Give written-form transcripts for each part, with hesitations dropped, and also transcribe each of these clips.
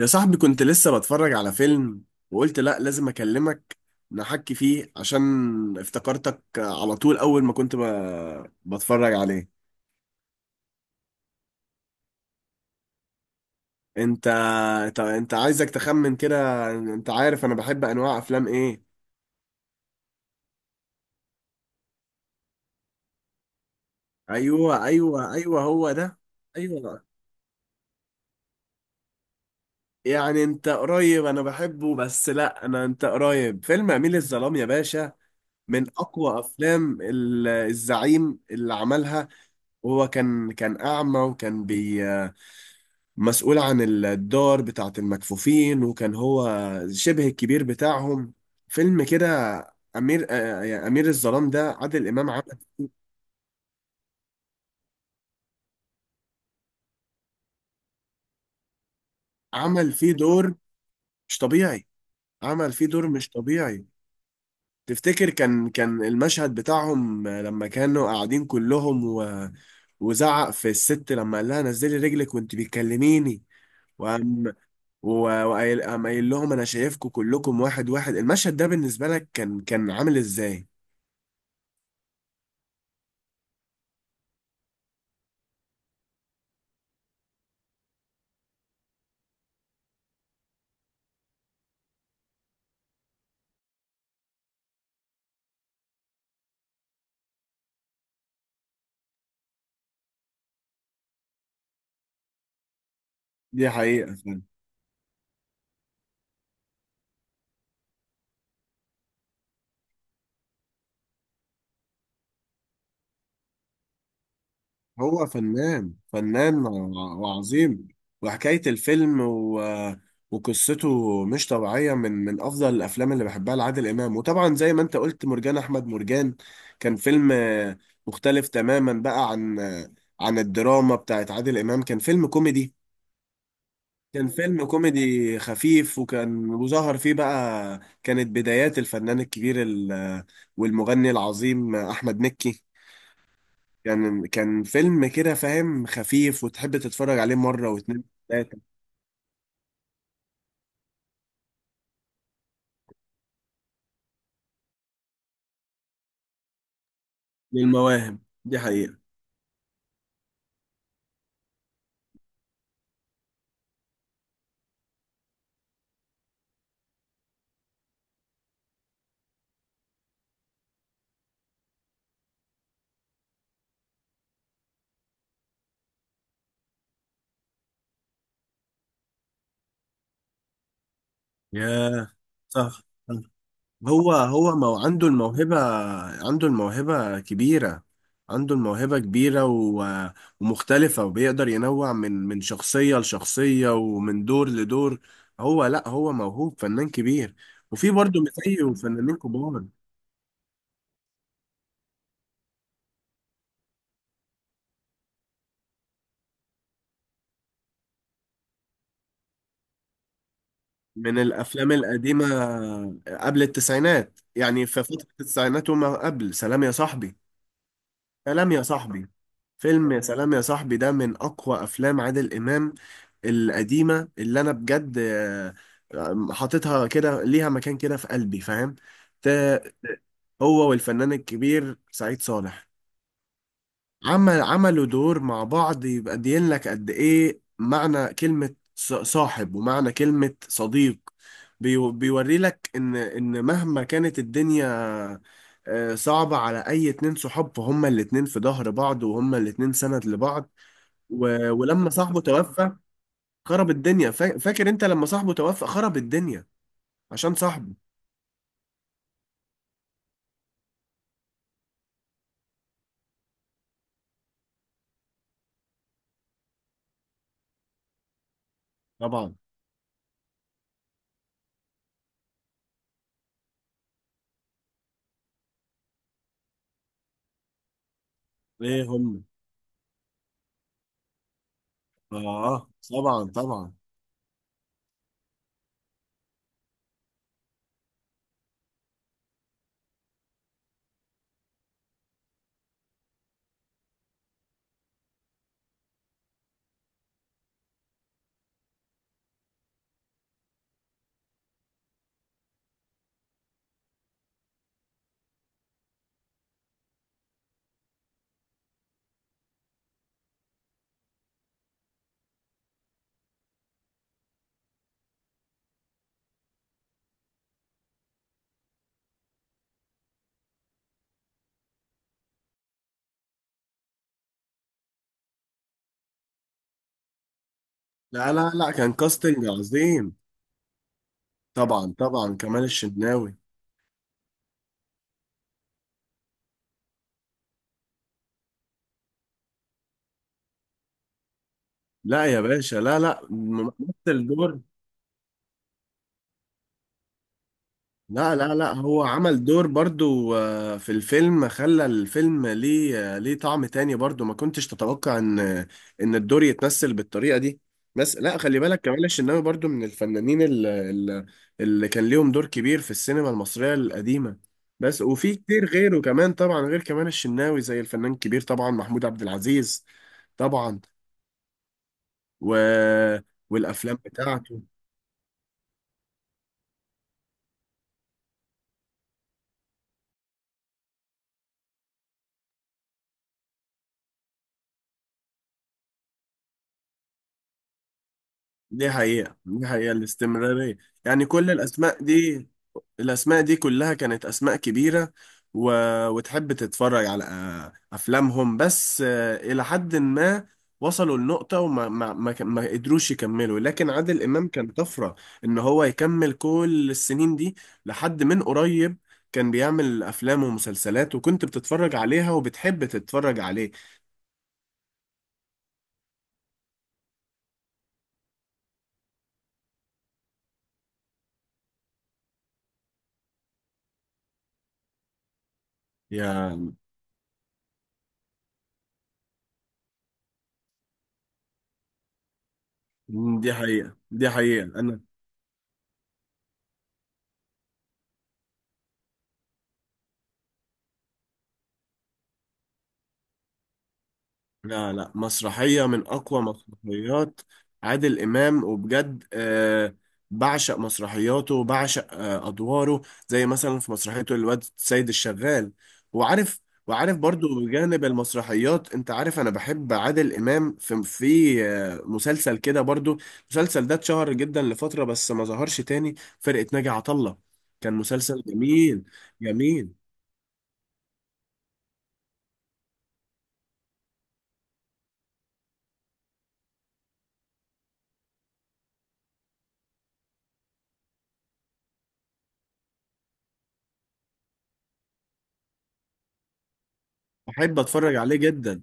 يا صاحبي، كنت لسه بتفرج على فيلم وقلت لا لازم اكلمك نحكي فيه عشان افتكرتك على طول اول ما كنت بتفرج عليه. انت انت عايزك تخمن كده، انت عارف انا بحب انواع افلام ايه؟ ايوه، ايوه، ايوه، هو ده. ايوه، يعني انت قريب، انا بحبه بس لا، انا انت قريب فيلم اميل الظلام يا باشا. من اقوى افلام الزعيم اللي عملها. وهو كان اعمى وكان مسؤول عن الدار بتاعة المكفوفين، وكان هو شبه الكبير بتاعهم. فيلم كده. أمير آه، يعني أمير الظلام ده عادل إمام عمل. عمل فيه دور مش طبيعي، عمل فيه دور مش طبيعي. تفتكر كان المشهد بتاعهم لما كانوا قاعدين كلهم وزعق في الست لما قال لها نزلي رجلك وانت بتكلميني. وقام وقايل، قام قايل لهم انا شايفكم كلكم واحد واحد. المشهد ده بالنسبة لك كان عامل ازاي؟ دي حقيقة. هو فنان، فنان وعظيم. وحكاية الفيلم وقصته مش طبيعية، من أفضل الأفلام اللي بحبها لعادل إمام. وطبعا زي ما أنت قلت، مرجان أحمد مرجان كان فيلم مختلف تماما بقى عن عن الدراما بتاعت عادل إمام. كان فيلم كوميدي، كان فيلم كوميدي خفيف. وظهر فيه بقى كانت بدايات الفنان الكبير والمغني العظيم أحمد مكي. كان فيلم كده فاهم، خفيف وتحب تتفرج عليه مرة واتنين وتلاتة. للمواهب. دي حقيقة. ياه، صح. صح. هو مو عنده الموهبة، عنده الموهبة كبيرة، عنده الموهبة كبيرة ومختلفة، وبيقدر ينوع من شخصية لشخصية ومن دور لدور. هو لا، هو موهوب فنان كبير. وفي برضه مثيه فنانين كبار. من الافلام القديمه قبل التسعينات، يعني في فتره التسعينات وما قبل. سلام يا صاحبي. سلام يا صاحبي. فيلم يا سلام يا صاحبي ده من اقوى افلام عادل امام القديمه اللي انا بجد حاططها كده ليها مكان كده في قلبي، فاهم. ت- هو والفنان الكبير سعيد صالح، عملوا دور مع بعض يبقى دين لك قد ايه معنى كلمة صاحب ومعنى كلمة صديق. بيوري لك ان مهما كانت الدنيا صعبة على اي اتنين صحاب، فهما الاتنين في ظهر بعض وهما الاتنين سند لبعض. ولما صاحبه توفى خرب الدنيا. فاكر انت لما صاحبه توفى خرب الدنيا عشان صاحبه. طبعا. ايه هم؟ اه، طبعا، طبعا. لا، لا، لا، كان كاستنج عظيم. طبعا، طبعا، كمال الشناوي. لا يا باشا، لا، لا، ممثل دور. لا، لا، لا، هو عمل دور برضو في الفيلم، خلى الفيلم ليه ليه طعم تاني برضو، ما كنتش تتوقع ان الدور يتمثل بالطريقة دي. بس لا، خلي بالك كمال الشناوي برضو من الفنانين اللي كان ليهم دور كبير في السينما المصرية القديمة. بس وفي كتير غيره كمان طبعا، غير كمال الشناوي، زي الفنان الكبير طبعا محمود عبد العزيز. طبعا و... والافلام بتاعته. دي حقيقة، دي حقيقة الاستمرارية. يعني كل الاسماء دي، الاسماء دي كلها كانت اسماء كبيرة و... وتحب تتفرج على افلامهم بس الى حد ما وصلوا لنقطة وما ما ما, ك- ما قدروش يكملوا، لكن عادل امام كان طفرة، ان هو يكمل كل السنين دي لحد من قريب. كان بيعمل افلام ومسلسلات وكنت بتتفرج عليها وبتحب تتفرج عليه. يا. دي حقيقة، دي حقيقة. أنا لا، لا، مسرحية من أقوى مسرحيات عادل إمام وبجد بعشق مسرحياته وبعشق أدواره، زي مثلا في مسرحيته الواد سيد الشغال. وعارف وعارف برضو بجانب المسرحيات، أنت عارف أنا بحب عادل إمام في مسلسل كده برضو. المسلسل ده اتشهر جدا لفترة بس ما ظهرش تاني، فرقة ناجي عطا الله. كان مسلسل جميل، جميل. بحب أتفرج عليه جدا.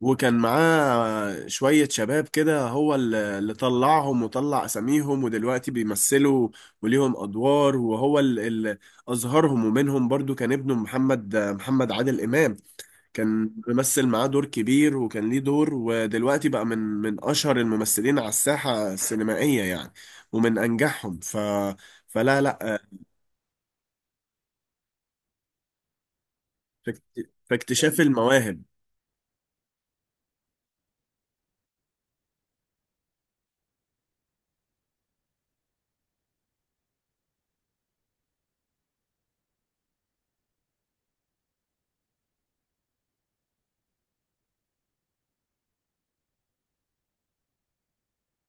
وكان معاه شوية شباب كده هو اللي طلعهم وطلع أساميهم ودلوقتي بيمثلوا وليهم أدوار، وهو اللي أظهرهم. ومنهم برضو كان ابنه محمد عادل إمام. كان ممثل معاه دور كبير وكان ليه دور، ودلوقتي بقى من أشهر الممثلين على الساحة السينمائية يعني، ومن أنجحهم. ف فلا لا فاكت- فاكتشاف المواهب.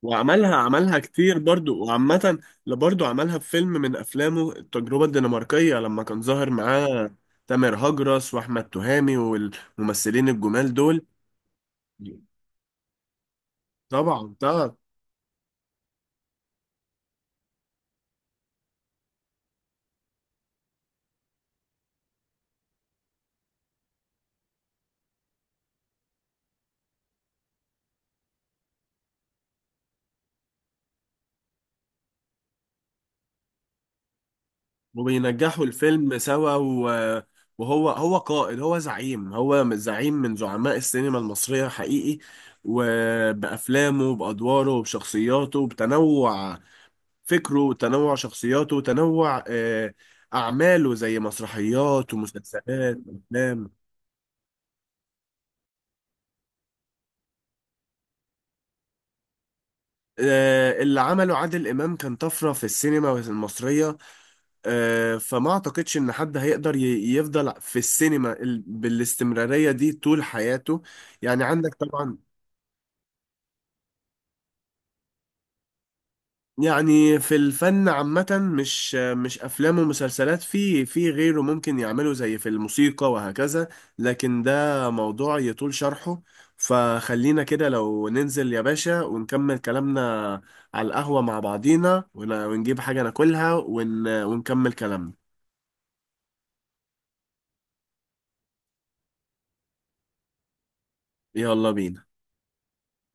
عملها كتير برضو وعامة. لا برضو عملها في فيلم من أفلامه، التجربة الدنماركية، لما كان ظاهر معاه تامر هجرس وأحمد تهامي والممثلين الجمال دول. طبعا، طبعا. وبينجحوا الفيلم سوا. وهو هو قائد، هو زعيم، هو زعيم من زعماء السينما المصرية حقيقي، وبأفلامه وبأدواره وبشخصياته وبتنوع فكره وتنوع شخصياته وتنوع أعماله زي مسرحيات ومسلسلات وأفلام. اللي عمله عادل إمام كان طفرة في السينما المصرية. فما أعتقدش إن حد هيقدر يفضل في السينما بالاستمرارية دي طول حياته. يعني عندك طبعا، يعني في الفن عامة، مش أفلام ومسلسلات، في غيره ممكن يعملوا زي في الموسيقى وهكذا، لكن ده موضوع يطول شرحه. فخلينا كده لو ننزل يا باشا ونكمل كلامنا على القهوة مع بعضينا ونجيب حاجة ناكلها ونكمل كلامنا. يلا بينا.